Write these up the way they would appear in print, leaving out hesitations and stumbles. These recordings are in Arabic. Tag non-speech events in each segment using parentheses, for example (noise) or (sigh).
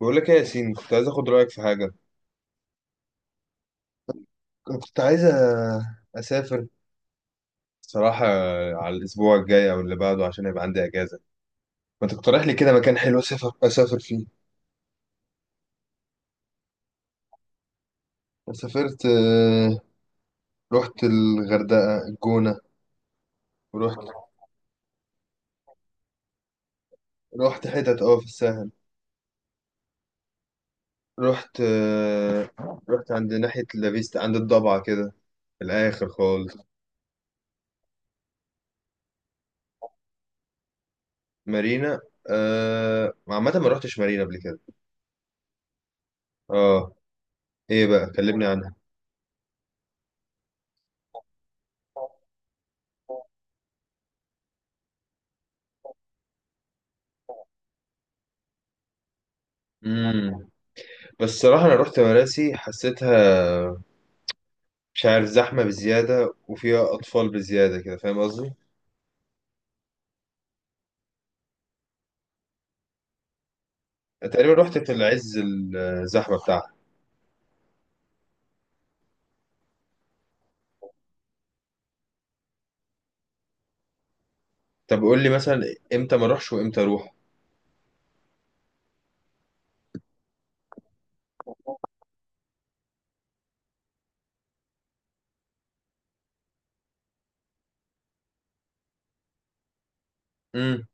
بقول لك ايه يا ياسين، كنت عايز اخد رايك في حاجه. كنت عايز أ- اسافر صراحه على الاسبوع الجاي او اللي بعده عشان يبقى عندي اجازه. ما تقترح لي كده مكان حلو اسافر فيه؟ سافرت، رحت الغردقه، الجونه، ورحت، رحت حتت في الساحل. رحت آه، رحت عند ناحيه لافيستا، عند الضبعه كده، في الاخر خالص. مارينا، عامه ما رحتش مارينا قبل كده. اه، ايه بقى، كلمني عنها. بس الصراحة أنا رحت مراسي، حسيتها، مش عارف، زحمة بزيادة وفيها أطفال بزيادة كده، فاهم قصدي؟ أنا تقريبا رحت في العز، الزحمة بتاعها. طب قول لي مثلا إمتى ما أروحش وإمتى أروح؟ امم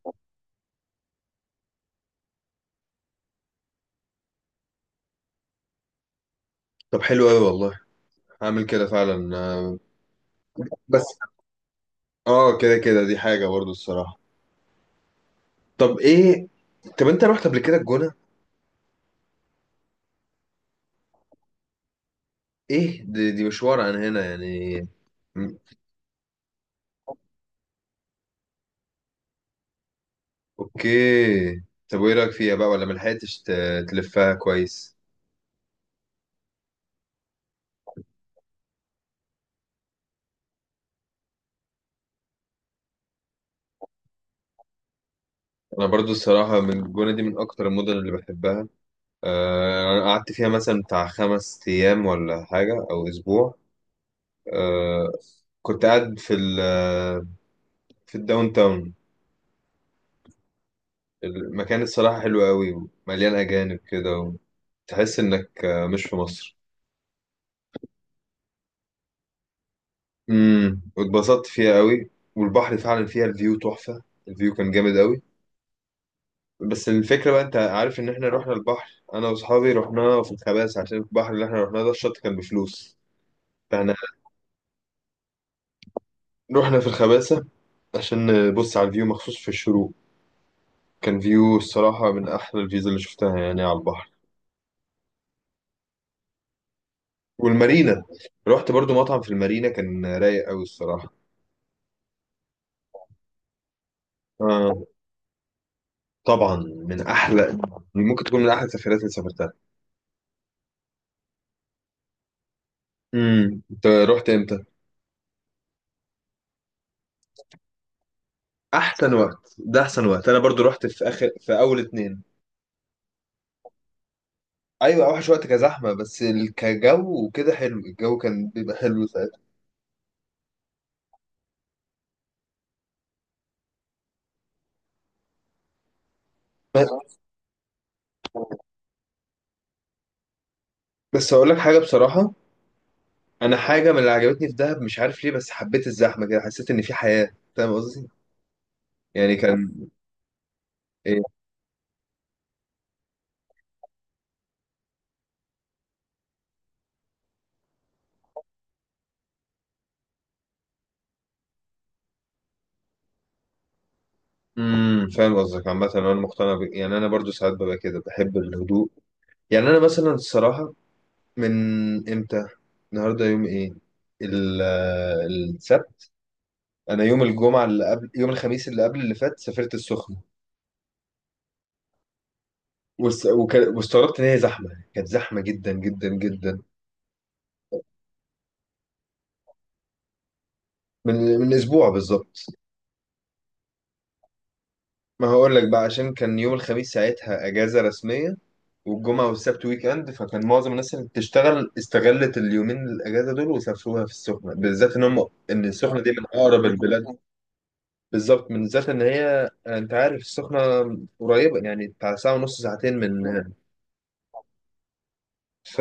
طب حلو أوي والله، هعمل كده فعلا. بس كده كده، دي حاجة برضو الصراحة. طب إيه، طب أنت رحت قبل كده الجونة؟ إيه دي مشوار عن هنا يعني. مم. أوكي، طب وإيه رأيك فيها بقى، ولا ملحقتش تلفها كويس؟ انا برضو الصراحه، من الجونه دي، من اكتر المدن اللي بحبها. انا قعدت فيها مثلا بتاع خمس ايام ولا حاجه، او اسبوع. آه، كنت قاعد في الداون تاون. المكان الصراحه حلو قوي، ومليان اجانب كده، وتحس انك مش في مصر. واتبسطت فيها قوي، والبحر فعلا فيها الفيو تحفه، الفيو كان جامد قوي. بس الفكره بقى، انت عارف ان احنا رحنا البحر، انا واصحابي رحنا في الخباز، عشان البحر اللي احنا رحناه ده الشط كان بفلوس، فاحنا رحنا في الخباسة عشان نبص على الفيو مخصوص في الشروق. كان فيو الصراحة من أحلى الفيوز اللي شفتها يعني على البحر. والمارينا، رحت برضو مطعم في المارينا كان رايق أوي الصراحة. آه طبعا من أحلى، ممكن تكون من أحلى السفرات اللي سافرتها. أنت رحت إمتى؟ أحسن وقت ده، أحسن وقت. أنا برضو رحت في آخر، في أول اتنين. أيوة، أوحش وقت كزحمة، بس كجو وكده حلو، الجو كان بيبقى حلو ساعتها. بس بس أقول لك حاجة بصراحة، انا حاجه من اللي عجبتني في دهب، مش عارف ليه، بس حبيت الزحمه كده، حسيت ان في حياه، فاهم قصدي؟ يعني كان. إيه؟ فاهم قصدك. عامه انا مقتنع يعني انا برضو ساعات ببقى كده بحب الهدوء. يعني انا مثلا الصراحه، من امتى، النهارده يوم ايه، ال... السبت، انا يوم الجمعه اللي قبل، يوم الخميس اللي قبل اللي فات، سافرت السخنه. واستغربت ان هي زحمه، كانت زحمه جدا جدا جدا. من اسبوع بالظبط. ما هقول لك بقى، عشان كان يوم الخميس ساعتها اجازه رسميه، والجمعه والسبت ويك اند، فكان معظم الناس اللي بتشتغل استغلت اليومين الاجازه دول وسافروها في السخنه، بالذات ان هم، ان السخنه دي من اقرب البلاد. بالظبط، من ذات ان هي، انت عارف السخنه قريبه، يعني بتاع ساعه ونص، ساعتين من ف...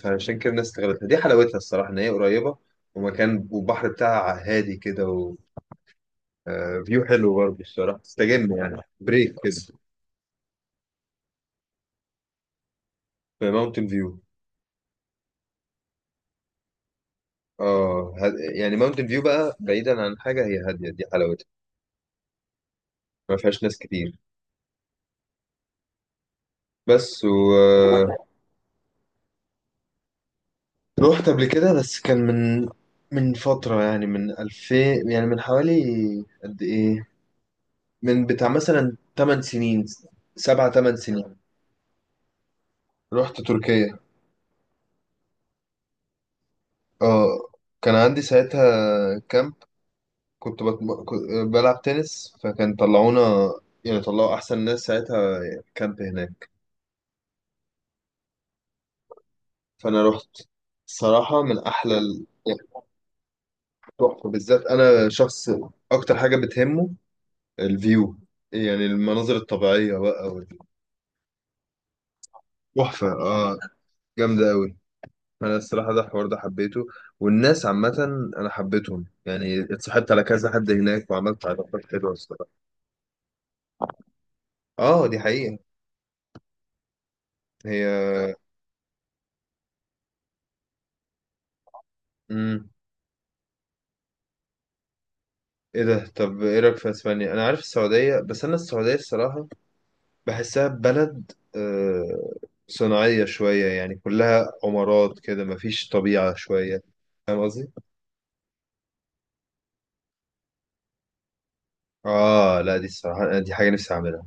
فعشان كده الناس استغلتها. دي حلاوتها الصراحه ان هي قريبه، ومكان، والبحر بتاعها هادي كده فيو حلو برضه الصراحه، تستجم يعني، بريك كده. في ماونتن فيو. اه، يعني ماونتن فيو بقى بعيدا عن حاجة، هي هادية، دي حلاوتها، ما فيهاش ناس كتير. بس. رحت قبل كده، بس كان من فترة، يعني من 2000، يعني من حوالي، قد ايه، من بتاع مثلا 8 سنين، سبعة 8 سنين. رحت تركيا. اه، كان عندي ساعتها كامب، كنت بلعب تنس، فكان طلعونا، يعني طلعوا احسن ناس ساعتها كامب هناك، فانا رحت. الصراحة من احلى تحفة، بالذات أنا شخص أكتر حاجة بتهمه الفيو، يعني المناظر الطبيعية بقى تحفة، جامدة أوي. أنا الصراحة ده الحوار ده حبيته، والناس عامة أنا حبيتهم، يعني اتصاحبت على كذا حد هناك، وعملت علاقات حلوة الصراحة. آه، دي حقيقة. هي. مم. إيه ده؟ طب إيه رأيك في أسبانيا؟ أنا عارف السعودية، بس أنا السعودية الصراحة بحسها بلد صناعية شوية، يعني كلها عمارات كده، مفيش طبيعة شوية، فاهم قصدي؟ اه لا، دي الصراحة دي حاجة نفسي اعملها.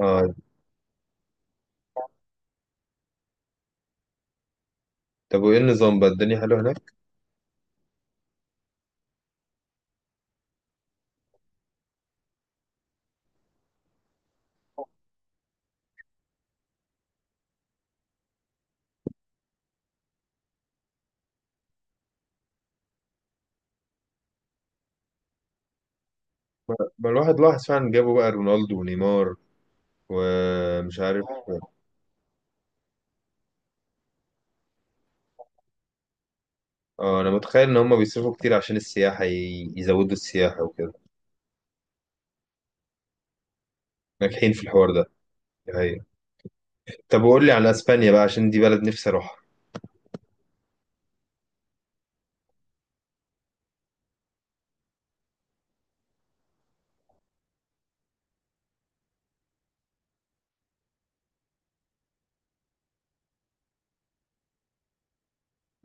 اه، طب وايه النظام بقى، الدنيا حلوة هناك؟ بقى الواحد لاحظ فعلا، جابوا بقى رونالدو ونيمار ومش عارف. اه، انا متخيل ان هم بيصرفوا كتير عشان السياحة، يزودوا السياحة وكده. ناجحين في الحوار ده، دي حقيقة. طب وقول لي على اسبانيا بقى، عشان دي بلد نفسي اروحها.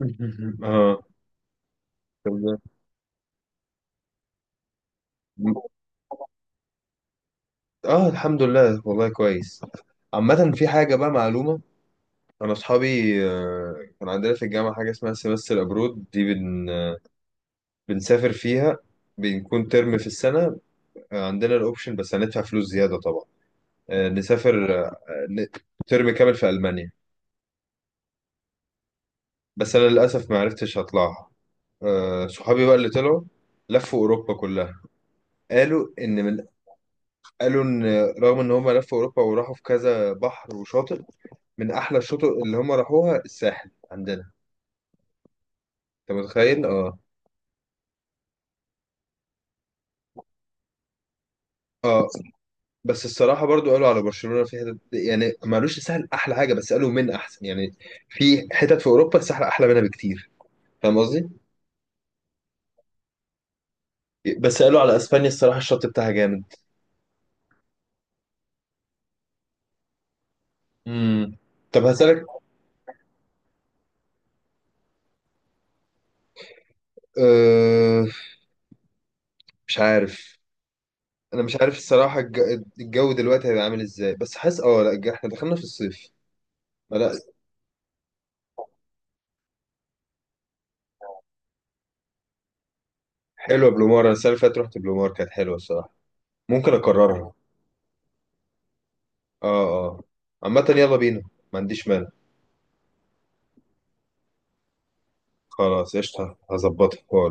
(laughs) اه، طب- اه الحمد لله والله كويس. عامة في حاجة بقى معلومة، أنا أصحابي، كان عندنا في الجامعة حاجة اسمها سيمستر أبرود دي، بنسافر فيها، بنكون ترم في السنة، عندنا الأوبشن، بس هندفع فلوس زيادة طبعا، آه، نسافر آه، ن- ترم كامل في ألمانيا. بس أنا للأسف ما عرفتش أطلعها. صحابي بقى اللي طلعوا، لفوا أوروبا كلها. قالوا إن من قالوا إن، رغم إن هم لفوا أوروبا وراحوا في كذا بحر وشاطئ، من أحلى الشطوط اللي هم راحوها الساحل عندنا. أنت متخيل؟ آه. آه، بس الصراحة برضو قالوا على برشلونة في حتت، يعني ما قالوش السهل أحلى حاجة، بس قالوا من أحسن يعني. في حتت في أوروبا السهل أحلى منها بكتير، فاهم قصدي؟ بس قالوا على أسبانيا الصراحة الشط بتاعها جامد. امم طب هسألك. أه، مش عارف، أنا مش عارف الصراحة، الجو دلوقتي هيبقى عامل إزاي، بس حاسس لا، إحنا دخلنا في الصيف. ما لا، حلوة بلومار، أنا السنة اللي فاتت رحت بلومار، كانت حلوة الصراحة، ممكن أكررها. أه أه، عامة يلا بينا، ما عنديش مانع. خلاص قشطة، هظبطها.